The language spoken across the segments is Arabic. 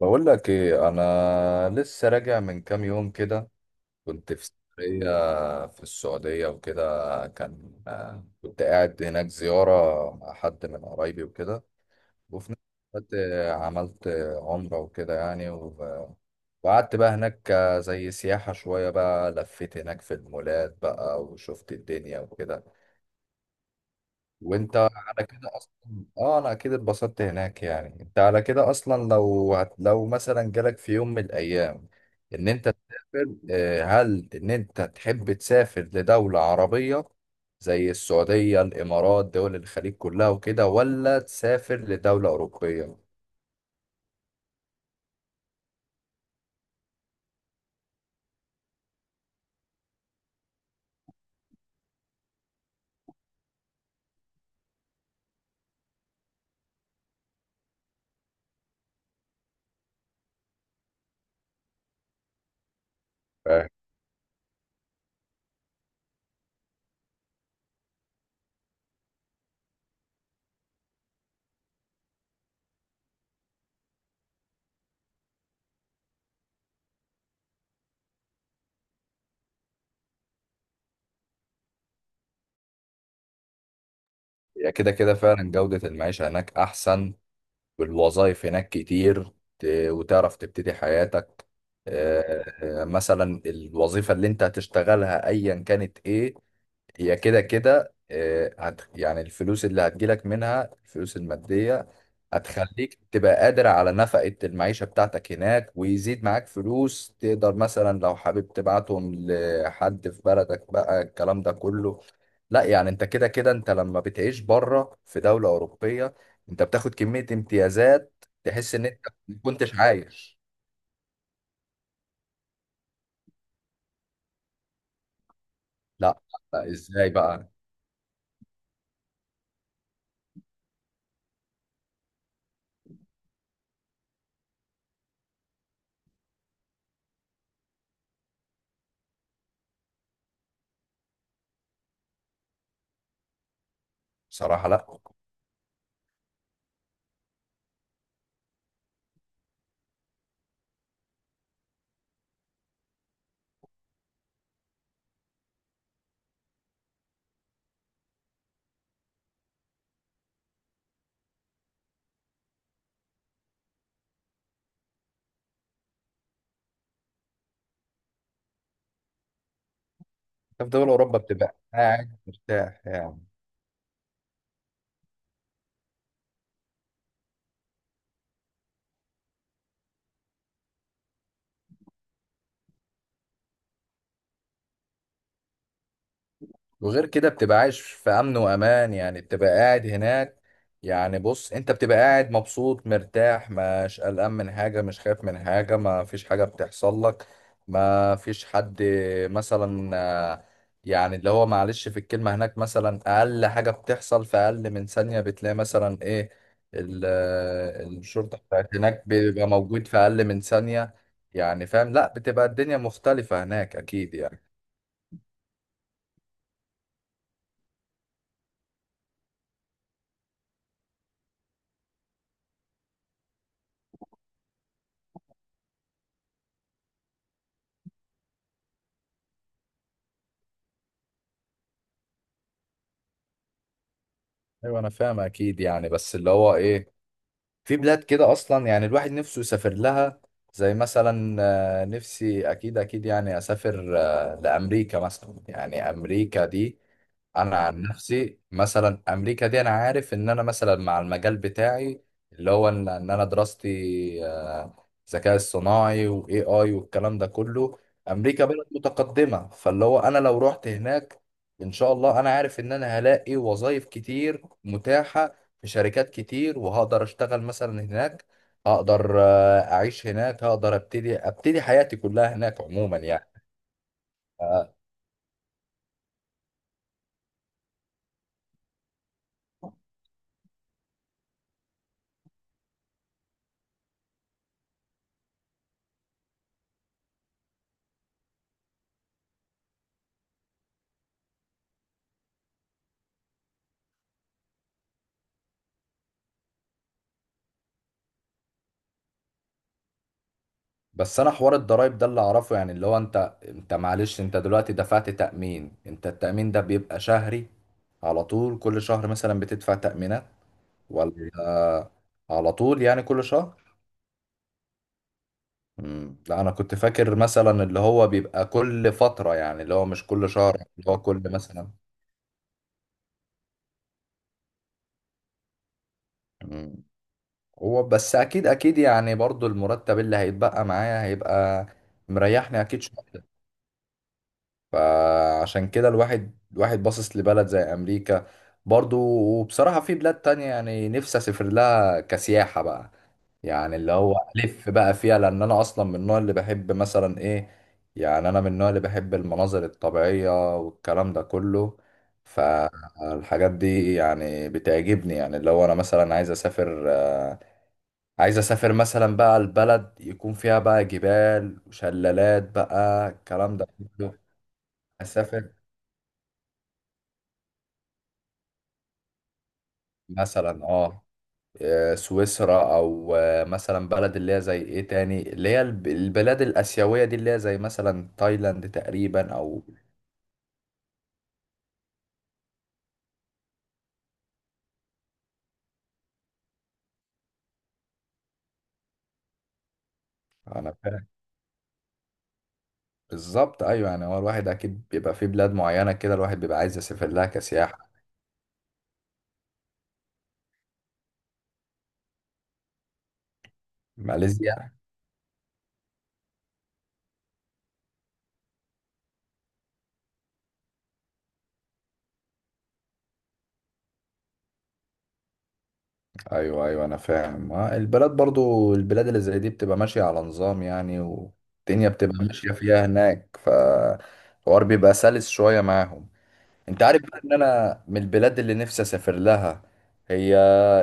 بقول لك ايه، انا لسه راجع من كام يوم كده. كنت في سفرية في السعودية وكده. كان آه، كنت قاعد هناك زيارة مع حد من قرايبي وكده. وفي نفس الوقت عملت عمرة وكده يعني وقعدت بقى هناك، زي سياحة شوية، بقى لفيت هناك في المولات بقى وشفت الدنيا وكده. وانت على كده اصلا. اه، انا اكيد اتبسطت هناك يعني انت على كده اصلا. لو لو مثلا جالك في يوم من الايام ان انت تسافر، هل ان انت تحب تسافر لدولة عربية زي السعودية، الامارات، دول الخليج كلها وكده، ولا تسافر لدولة اوروبية؟ فاهم. هي كده كده فعلا جودة المعيشة هناك احسن، والوظائف هناك كتير. ت- وتعرف تبتدي حياتك. مثلا الوظيفة اللي انت هتشتغلها ايا كانت ايه، هي كده كده آه، هت يعني الفلوس اللي هتجيلك منها، الفلوس المادية هتخليك تبقى قادر على نفقة المعيشة بتاعتك هناك، ويزيد معاك فلوس تقدر مثلا لو حابب تبعتهم لحد في بلدك بقى الكلام ده كله. لا، يعني انت كده كده انت لما بتعيش بره في دولة أوروبية انت بتاخد كمية امتيازات تحس ان انت ما كنتش عايش. لا، لا، ازاي بقى؟ بصراحة، لا. انت في دول أوروبا بتبقى قاعد مرتاح يعني. وغير كده بتبقى عايش في امن وامان يعني، بتبقى قاعد هناك، يعني بص انت بتبقى قاعد مبسوط مرتاح، مش قلقان من حاجة، مش خايف من حاجة، ما فيش حاجة بتحصل لك، ما فيش حد مثلا، آه، يعني اللي هو معلش في الكلمة هناك، مثلا اقل حاجة بتحصل في اقل من ثانية بتلاقي مثلا ايه، الشرطة بتاعت هناك بيبقى موجود في اقل من ثانية. يعني فاهم، لا بتبقى الدنيا مختلفة هناك اكيد يعني. ايوه انا فاهم اكيد يعني، بس اللي هو ايه، في بلاد كده اصلا يعني الواحد نفسه يسافر لها، زي مثلا نفسي اكيد اكيد يعني اسافر لامريكا مثلا، يعني امريكا دي، انا عن نفسي مثلا امريكا دي انا عارف ان انا مثلا مع المجال بتاعي، اللي هو ان انا دراستي ذكاء اصطناعي، واي اي، والكلام ده كله. امريكا بلد متقدمه، فاللي هو انا لو رحت هناك ان شاء الله انا عارف ان انا هلاقي وظائف كتير متاحه في شركات كتير، وهقدر اشتغل مثلا هناك، هقدر اعيش هناك، هقدر ابتدي حياتي كلها هناك عموما يعني. بس انا حوار الضرايب ده اللي اعرفه، يعني اللي هو انت معلش انت دلوقتي دفعت تأمين، انت التأمين ده بيبقى شهري على طول؟ كل شهر مثلا بتدفع تأمينات ولا على طول يعني كل شهر؟ مم. لا انا كنت فاكر مثلا اللي هو بيبقى كل فترة، يعني اللي هو مش كل شهر، اللي هو كل مثلا. مم. هو بس اكيد اكيد يعني برضو المرتب اللي هيتبقى معايا هيبقى مريحني اكيد شوية. فعشان كده الواحد باصص لبلد زي امريكا، برضو. وبصراحة في بلاد تانية يعني نفسي اسافر لها كسياحة بقى، يعني اللي هو الف بقى فيها، لان انا اصلا من النوع اللي بحب مثلا ايه، يعني انا من النوع اللي بحب المناظر الطبيعية والكلام ده كله، فالحاجات دي يعني بتعجبني. يعني اللي هو انا مثلا عايز اسافر، عايز اسافر مثلا بقى البلد يكون فيها بقى جبال وشلالات بقى، الكلام ده كله. اسافر مثلا اه، سويسرا، او مثلا بلد اللي هي زي ايه تاني، اللي هي البلاد الاسيويه دي، اللي هي زي مثلا تايلاند تقريبا، او انا فاهم. بالظبط ايوه، يعني هو الواحد اكيد بيبقى في بلاد معينه كده الواحد بيبقى عايز يسافر لها كسياحه. ماليزيا؟ ايوه، ايوه، انا فاهم. البلاد برضو، البلاد اللي زي دي بتبقى ماشيه على نظام يعني، والدنيا بتبقى ماشيه فيها هناك، فالحوار بيبقى سلس شويه معاهم. انت عارف بقى ان انا من البلاد اللي نفسي اسافر لها، هي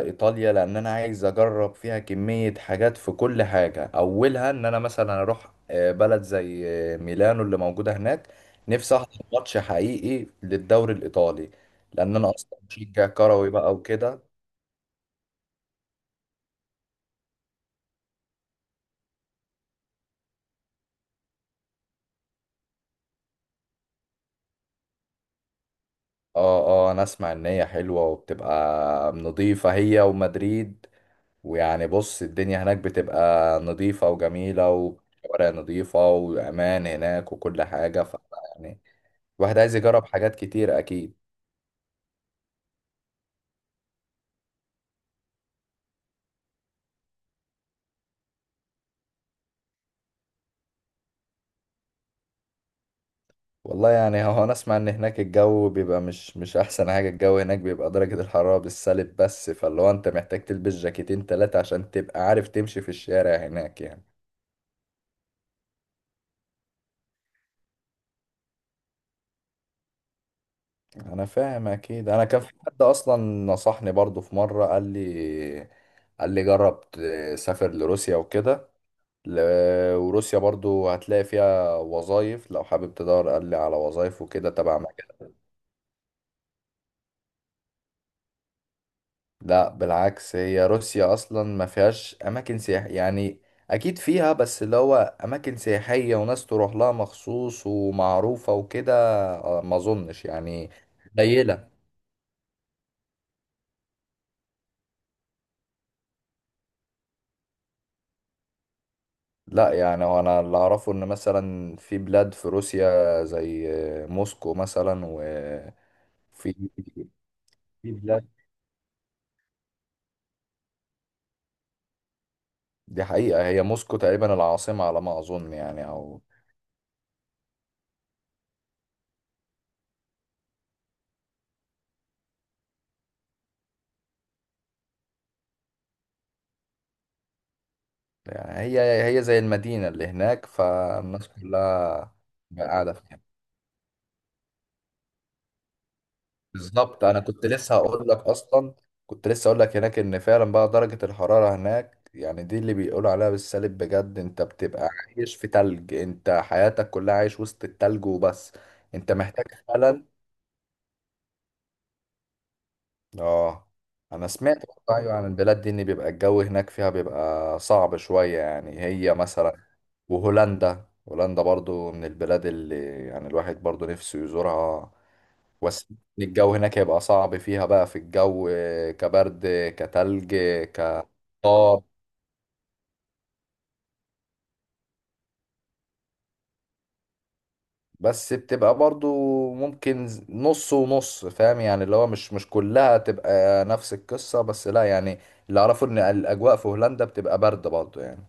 ايطاليا، لان انا عايز اجرب فيها كمية حاجات في كل حاجة. اولها ان انا مثلا اروح بلد زي ميلانو اللي موجودة هناك. نفسي احضر ماتش حقيقي للدوري الايطالي، لان انا اصلا مشجع كروي بقى وكده. اه، اه، انا اسمع ان هي حلوة وبتبقى نظيفة، هي ومدريد، ويعني بص الدنيا هناك بتبقى نظيفة وجميلة، وشوارع نظيفة، وأمان هناك وكل حاجة، ف يعني الواحد عايز يجرب حاجات كتير أكيد. والله يعني هو أنا أسمع إن هناك الجو بيبقى مش أحسن حاجة، الجو هناك بيبقى درجة الحرارة بالسالب، بس فاللي هو أنت محتاج تلبس جاكيتين 3 عشان تبقى عارف تمشي في الشارع هناك يعني. أنا فاهم أكيد. أنا كان في حد أصلا نصحني برضو في مرة، قال لي، قال لي جرب تسافر لروسيا وكده. وروسيا برضو هتلاقي فيها وظائف لو حابب تدور، قال لي على وظائف وكده تبع مجال. لا بالعكس، هي روسيا اصلا ما فيهاش اماكن سياحية يعني، اكيد فيها بس اللي هو اماكن سياحية وناس تروح لها مخصوص ومعروفة وكده، ما اظنش يعني. قليلة. لا يعني هو انا اللي اعرفه ان مثلا في بلاد في روسيا زي موسكو مثلا، وفي في بلاد، دي حقيقة. هي موسكو تقريبا العاصمة على ما أظن يعني، أو يعني هي، هي زي المدينة اللي هناك، فالناس كلها قاعدة فيها. بالظبط، أنا كنت لسه هقول لك أصلا، كنت لسه هقول لك هناك إن فعلا بقى درجة الحرارة هناك يعني، دي اللي بيقولوا عليها بالسالب بجد. أنت بتبقى عايش في تلج، أنت حياتك كلها عايش وسط التلج وبس. أنت محتاج فعلا. اه، انا سمعت برضه ايوه عن البلاد دي ان بيبقى الجو هناك فيها بيبقى صعب شوية يعني، هي مثلا. وهولندا، هولندا برضو من البلاد اللي يعني الواحد برضو نفسه يزورها، بس الجو هناك هيبقى صعب فيها بقى، في الجو كبرد، كتلج، كطار، بس بتبقى برضو ممكن نص ونص، فاهم يعني، اللي هو مش كلها تبقى نفس القصة، بس لا يعني، اللي اعرفه ان الاجواء في هولندا بتبقى برد برضو يعني.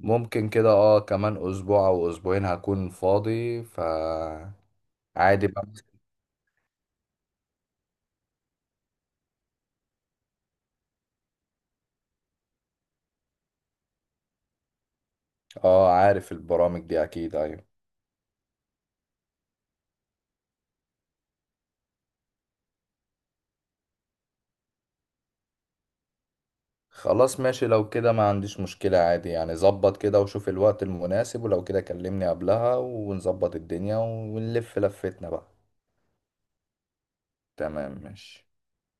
ممكن كده، اه، كمان اسبوع او اسبوعين هكون فاضي، ف عادي بقى. اه، عارف البرامج دي اكيد، ايوه. خلاص ماشي، لو كده ما عنديش مشكلة عادي يعني. ظبط كده وشوف الوقت المناسب، ولو كده كلمني قبلها ونظبط الدنيا ونلف لفتنا بقى. تمام ماشي.